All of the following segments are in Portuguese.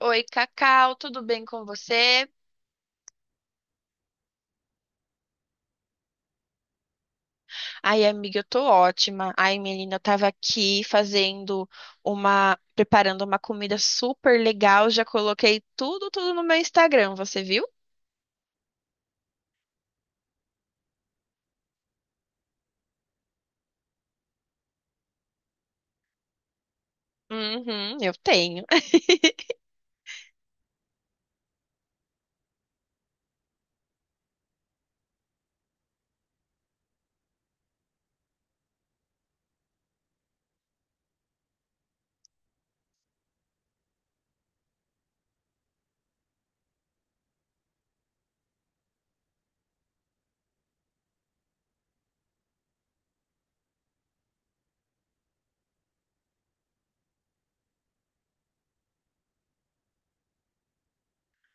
Oi, Cacau, tudo bem com você? Ai, amiga, eu tô ótima. Ai, menina, eu tava aqui fazendo preparando uma comida super legal. Já coloquei tudo no meu Instagram, você viu? Uhum, eu tenho.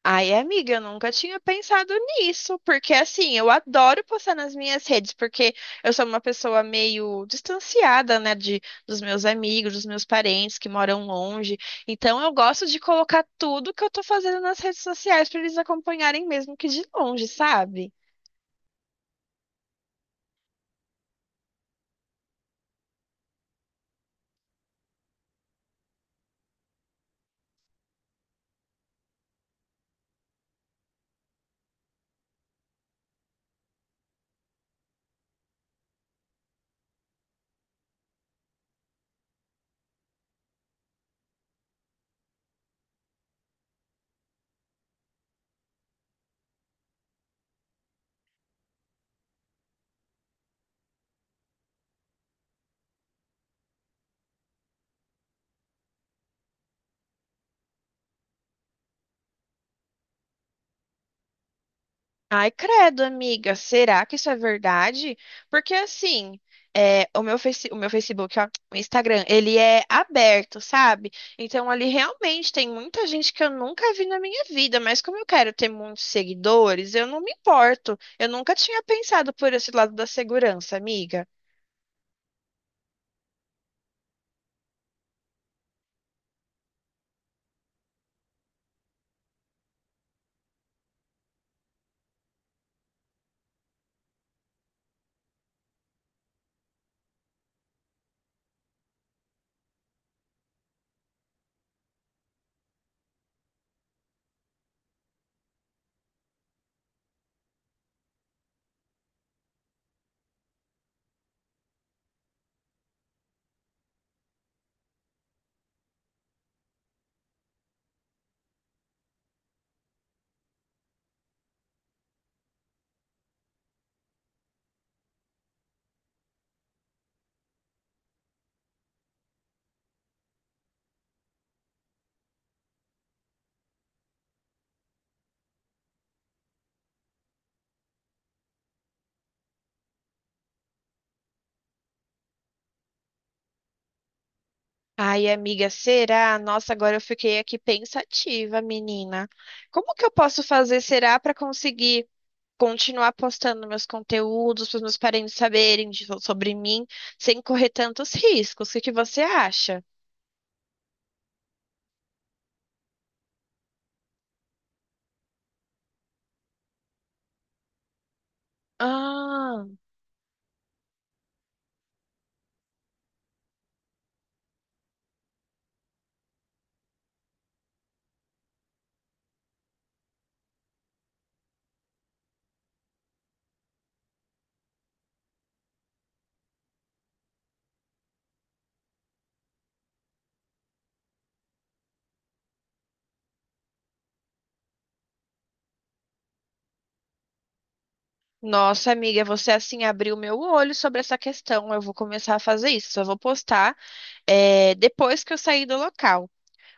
Ai, amiga, eu nunca tinha pensado nisso, porque assim, eu adoro postar nas minhas redes, porque eu sou uma pessoa meio distanciada, né, de dos meus amigos, dos meus parentes que moram longe. Então eu gosto de colocar tudo que eu tô fazendo nas redes sociais pra eles acompanharem mesmo que de longe, sabe? Ai, credo, amiga, será que isso é verdade? Porque assim, é, o meu Facebook, ó, o Instagram, ele é aberto, sabe? Então ali realmente tem muita gente que eu nunca vi na minha vida, mas como eu quero ter muitos seguidores, eu não me importo. Eu nunca tinha pensado por esse lado da segurança, amiga. Ai, amiga, será? Nossa, agora eu fiquei aqui pensativa, menina. Como que eu posso fazer, será, para conseguir continuar postando meus conteúdos para os meus parentes saberem sobre mim, sem correr tantos riscos. O que que você acha? Ah, nossa amiga, você assim abriu meu olho sobre essa questão. Eu vou começar a fazer isso. Só vou postar depois que eu sair do local.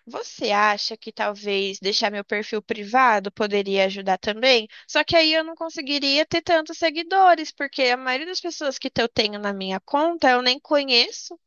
Você acha que talvez deixar meu perfil privado poderia ajudar também? Só que aí eu não conseguiria ter tantos seguidores, porque a maioria das pessoas que eu tenho na minha conta eu nem conheço.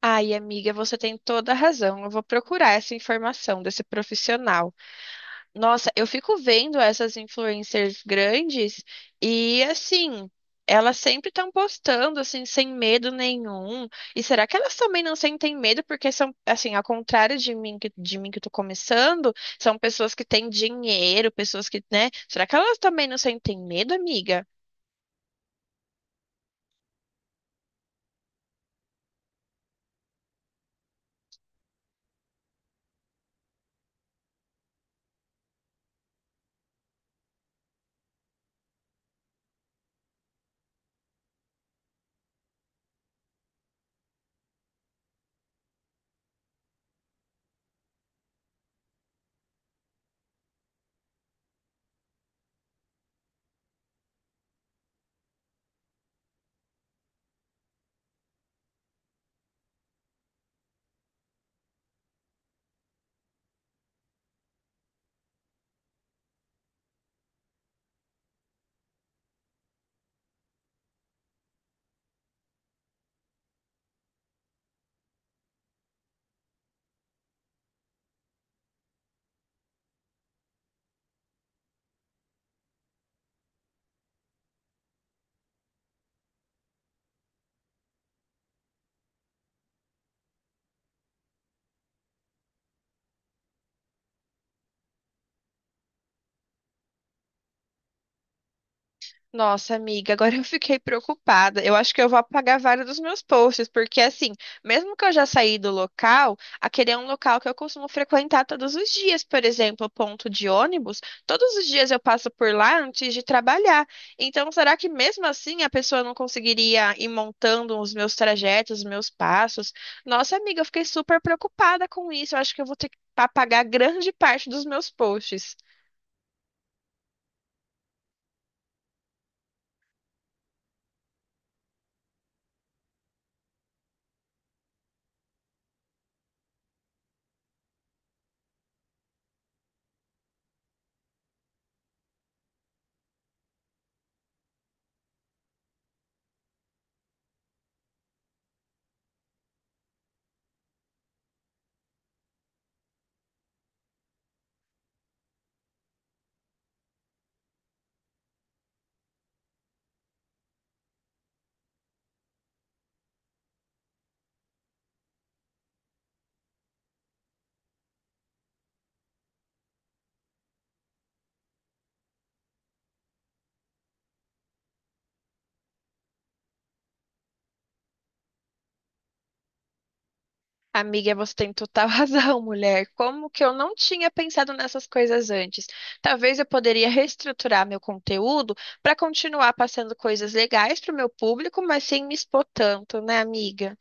Ai, amiga, você tem toda a razão. Eu vou procurar essa informação desse profissional. Nossa, eu fico vendo essas influencers grandes e assim, elas sempre estão postando assim sem medo nenhum. E será que elas também não sentem medo porque são assim, ao contrário de mim que tô começando, são pessoas que têm dinheiro, pessoas que, né? Será que elas também não sentem medo, amiga? Nossa, amiga, agora eu fiquei preocupada. Eu acho que eu vou apagar vários dos meus posts, porque assim, mesmo que eu já saí do local, aquele é um local que eu costumo frequentar todos os dias, por exemplo, ponto de ônibus. Todos os dias eu passo por lá antes de trabalhar. Então, será que mesmo assim a pessoa não conseguiria ir montando os meus trajetos, os meus passos? Nossa, amiga, eu fiquei super preocupada com isso. Eu acho que eu vou ter que apagar grande parte dos meus posts. Amiga, você tem total razão, mulher. Como que eu não tinha pensado nessas coisas antes? Talvez eu poderia reestruturar meu conteúdo para continuar passando coisas legais para o meu público, mas sem me expor tanto, né, amiga?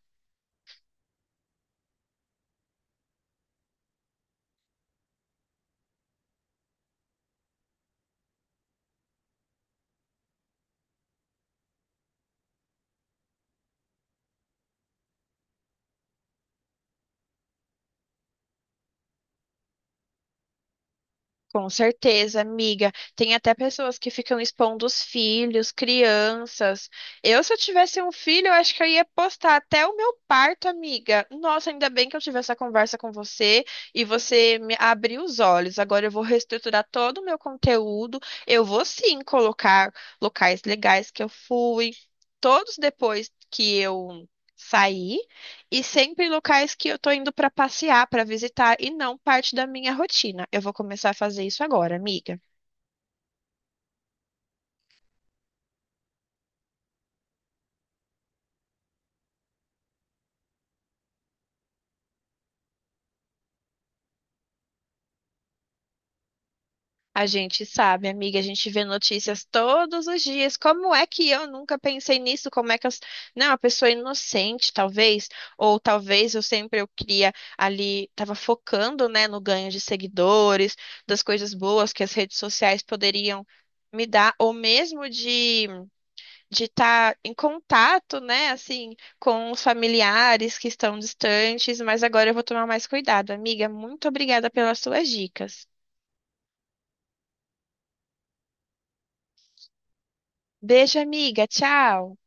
Com certeza, amiga. Tem até pessoas que ficam expondo os filhos, crianças. Eu, se eu tivesse um filho, eu acho que eu ia postar até o meu parto, amiga. Nossa, ainda bem que eu tive essa conversa com você e você me abriu os olhos. Agora eu vou reestruturar todo o meu conteúdo. Eu vou sim colocar locais legais que eu fui, todos depois que eu saí. E sempre locais que eu tô indo pra passear, pra visitar e não parte da minha rotina. Eu vou começar a fazer isso agora, amiga. A gente sabe, amiga, a gente vê notícias todos os dias. Como é que eu nunca pensei nisso? Como é que eu. Não, a pessoa é inocente, talvez. Ou talvez eu sempre eu queria ali, tava focando, né, no ganho de seguidores, das coisas boas que as redes sociais poderiam me dar, ou mesmo de estar em contato, né, assim, com os familiares que estão distantes, mas agora eu vou tomar mais cuidado. Amiga, muito obrigada pelas suas dicas. Beijo, amiga. Tchau.